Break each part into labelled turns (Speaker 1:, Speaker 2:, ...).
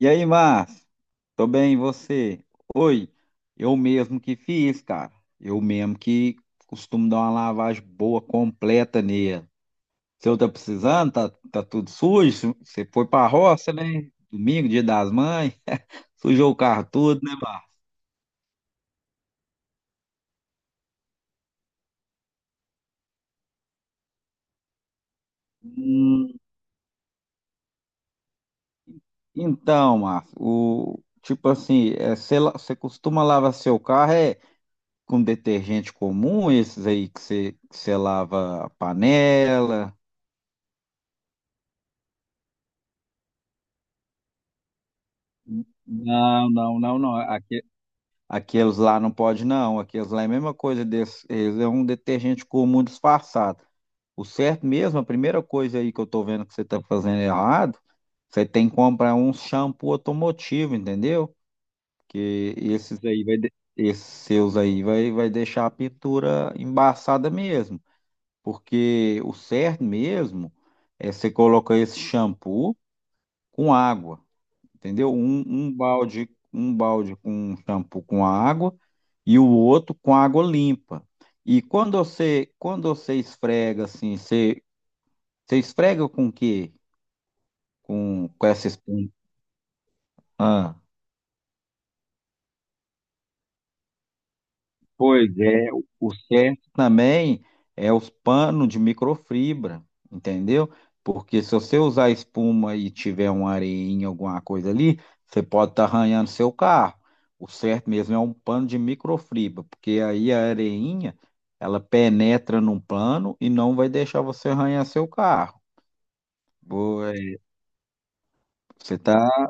Speaker 1: E aí, Márcio? Tô bem, e você? Oi, eu mesmo que fiz, cara. Eu mesmo que costumo dar uma lavagem boa, completa nele. Se eu tá precisando, tá tudo sujo. Você foi pra roça, né? Domingo, dia das mães. Sujou o carro tudo, né, Márcio? Hum, então, Márcio, tipo assim, você, você costuma lavar seu carro é com detergente comum, esses aí que você lava a panela? Não, não, não, não. Aqueles lá não pode, não. Aqueles lá é a mesma coisa desse. Eles é um detergente comum disfarçado. O certo mesmo, a primeira coisa aí que eu tô vendo que você tá fazendo errado, você tem que comprar um shampoo automotivo, entendeu? Que esses aí vai, esses seus aí vai, vai deixar a pintura embaçada mesmo. Porque o certo mesmo é você colocar esse shampoo com água, entendeu? Um balde, um balde com um shampoo com água e o outro com água limpa. E quando você esfrega assim, você, você esfrega com o quê? Com essa espuma? Ah. Pois é, o certo também é os panos de microfibra, entendeu? Porque se você usar espuma e tiver uma areinha, alguma coisa ali, você pode estar arranhando seu carro. O certo mesmo é um pano de microfibra, porque aí a areinha, ela penetra num pano e não vai deixar você arranhar seu carro. Boa. Você tá,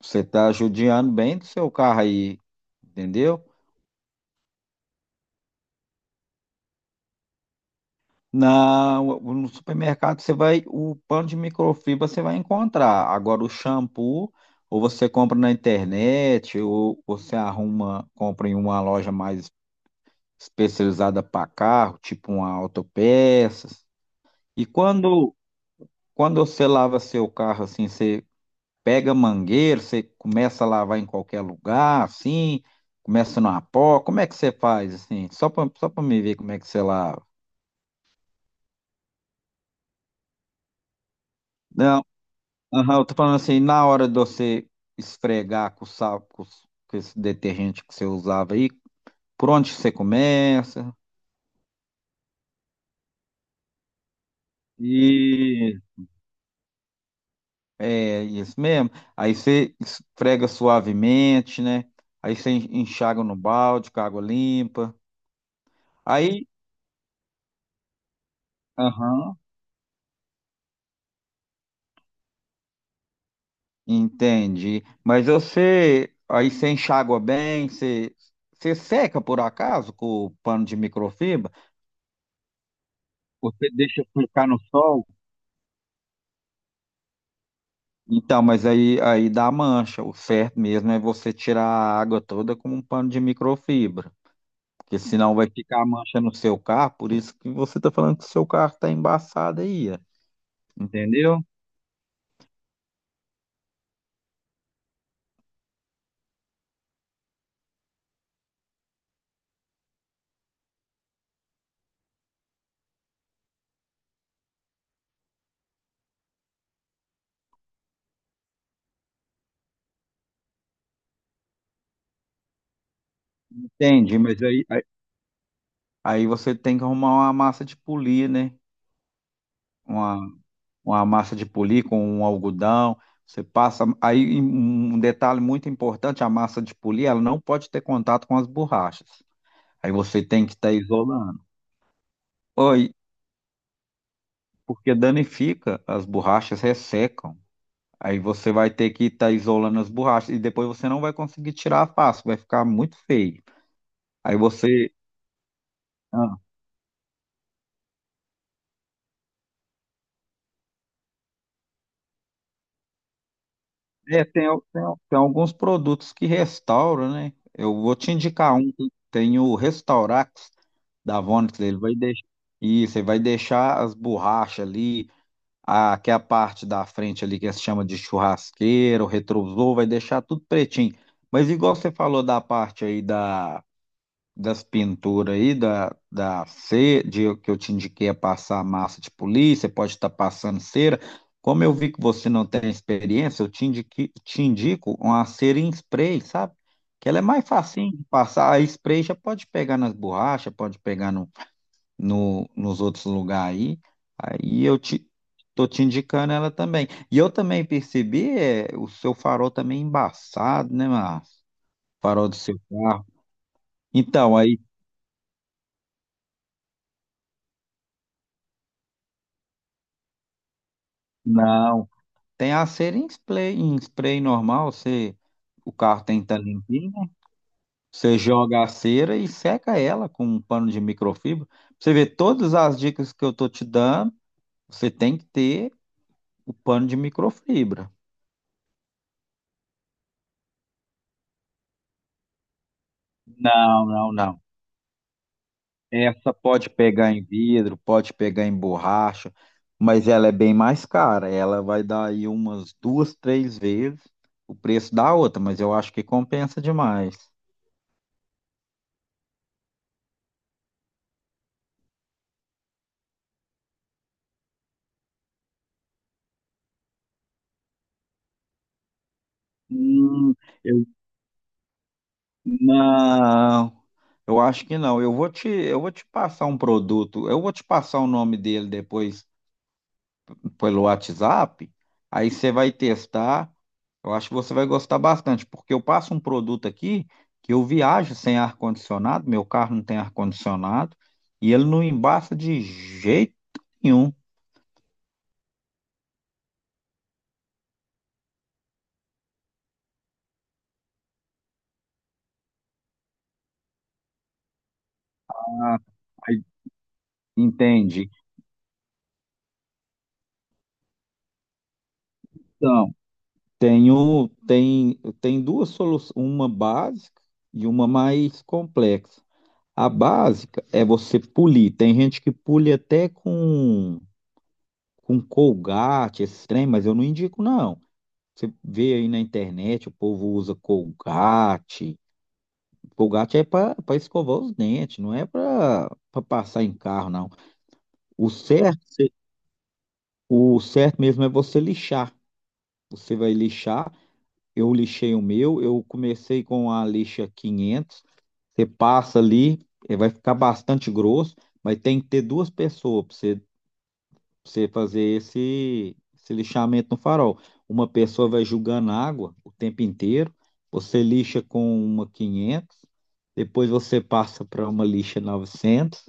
Speaker 1: você tá judiando bem do seu carro aí, entendeu? No supermercado você vai, o pano de microfibra você vai encontrar. Agora o shampoo, ou você compra na internet, ou você arruma, compra em uma loja mais especializada para carro, tipo uma Autopeças. E quando, quando você lava seu carro assim, você pega mangueira, você começa a lavar em qualquer lugar, assim, começa numa pó, como é que você faz assim? Só para me ver como é que você lava. Não. Aham, eu tô falando assim, na hora de você esfregar com o sal, com esse detergente que você usava aí, por onde você começa? E é isso mesmo. Aí você esfrega suavemente, né? Aí você enxaga no balde com água limpa. Aí, aham, entendi. Mas você, aí você enxágua bem, você, você seca por acaso com o pano de microfibra? Você deixa ficar no sol? Então, mas aí, aí dá mancha. O certo mesmo é você tirar a água toda com um pano de microfibra, porque senão vai ficar a mancha no seu carro. Por isso que você está falando que o seu carro está embaçado aí, ó, entendeu? Entendi, mas aí, aí, aí você tem que arrumar uma massa de polir, né? Uma, uma massa de polir com um algodão. Você passa. Aí um um detalhe muito importante: a massa de polir, ela não pode ter contato com as borrachas. Aí você tem que estar isolando. Oi, Porque danifica, as borrachas ressecam. Aí você vai ter que estar isolando as borrachas e depois você não vai conseguir tirar fácil, vai ficar muito feio. Aí você. Ah, é, tem alguns produtos que restauram, né? Eu vou te indicar um que tem o Restaurax da Vonix, ele vai deixar. Isso, ele vai deixar as borrachas ali, a, que é a parte da frente ali que se chama de churrasqueira, o retrovisor, vai deixar tudo pretinho. Mas igual você falou da parte aí da das pinturas aí, da cera, de, que eu te indiquei a passar massa de polir você pode estar passando cera. Como eu vi que você não tem experiência, te indico uma cera em spray, sabe? Que ela é mais facinho de passar. A spray já pode pegar nas borrachas, pode pegar no, nos outros lugares aí. Aí eu te, tô te indicando ela também. E eu também percebi, é, o seu farol também embaçado, né, Márcio? Farol do seu carro. Então, aí. Não. Tem a cera em spray normal, você, o carro tem que estar limpinho, né? Você joga a cera e seca ela com um pano de microfibra. Pra você vê todas as dicas que eu tô te dando, você tem que ter o pano de microfibra. Não, não, não. Essa pode pegar em vidro, pode pegar em borracha, mas ela é bem mais cara. Ela vai dar aí umas duas, três vezes o preço da outra, mas eu acho que compensa demais. Hum, eu não. Eu acho que não. Eu vou te passar um produto. Eu vou te passar o nome dele depois pelo WhatsApp. Aí você vai testar. Eu acho que você vai gostar bastante, porque eu passo um produto aqui que eu viajo sem ar-condicionado, meu carro não tem ar-condicionado, e ele não embaça de jeito nenhum. Aí, Entende? Então, tem duas soluções, uma básica e uma mais complexa. A básica é você polir. Tem gente que pule até com Colgate, esses trem, mas eu não indico, não. Você vê aí na internet, o povo usa Colgate. Colgate é para escovar os dentes, não é para passar em carro, não. O certo, se- o certo mesmo é você lixar. Você vai lixar. Eu lixei o meu, eu comecei com a lixa 500. Você passa ali, eh, vai ficar bastante grosso, mas tem que ter duas pessoas para você você fazer esse, esse lixamento no farol. Uma pessoa vai julgando água o tempo inteiro, você lixa com uma 500, depois você passa para uma lixa 900,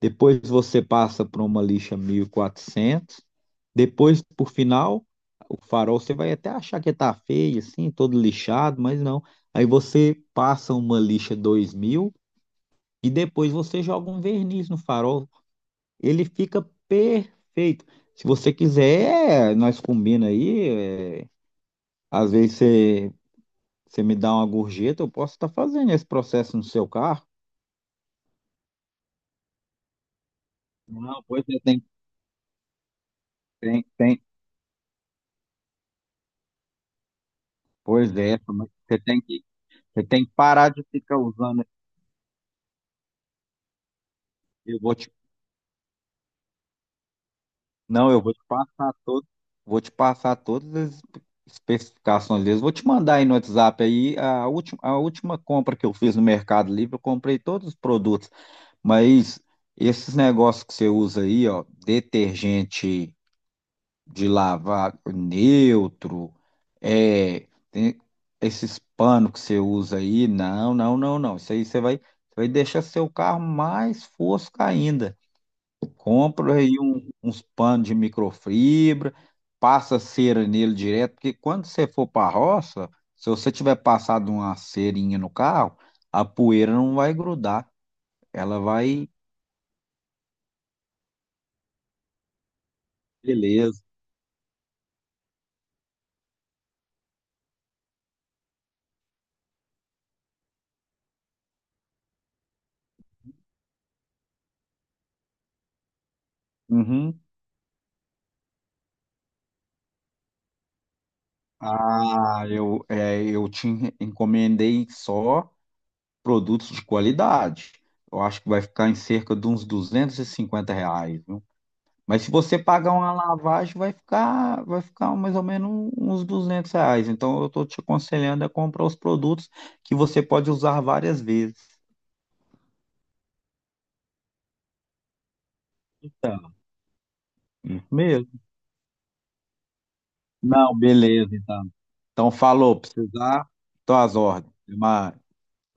Speaker 1: depois você passa para uma lixa 1400, depois, por final, o farol você vai até achar que tá feio, assim, todo lixado, mas não. Aí você passa uma lixa 2000 e depois você joga um verniz no farol. Ele fica perfeito. Se você quiser, nós combina aí. É, às vezes você, você me dá uma gorjeta, eu posso estar fazendo esse processo no seu carro. Não, pois é, tem. Pois é, mas você tem que parar de ficar usando. Eu vou te Não, eu vou te passar todo, vou te passar todas as especificações deles. Vou te mandar aí no WhatsApp aí a última compra que eu fiz no Mercado Livre, eu comprei todos os produtos, mas esses negócios que você usa aí, ó, detergente de lavar neutro, é, tem esses panos que você usa aí, não, não, não, não. Isso aí você vai deixar seu carro mais fosco ainda. Compra aí uns panos de microfibra, passa cera nele direto, porque quando você for para a roça, se você tiver passado uma cerinha no carro, a poeira não vai grudar, ela vai. Beleza. Uhum. Ah, eu, é, eu te encomendei só produtos de qualidade. Eu acho que vai ficar em cerca de uns R$ 250. Mas se você pagar uma lavagem, vai ficar mais ou menos uns R$ 200. Então, eu estou te aconselhando a comprar os produtos que você pode usar várias vezes. Tá. Isso mesmo. Não, beleza, então. Então, falou, precisar, tô às ordens. Até mais.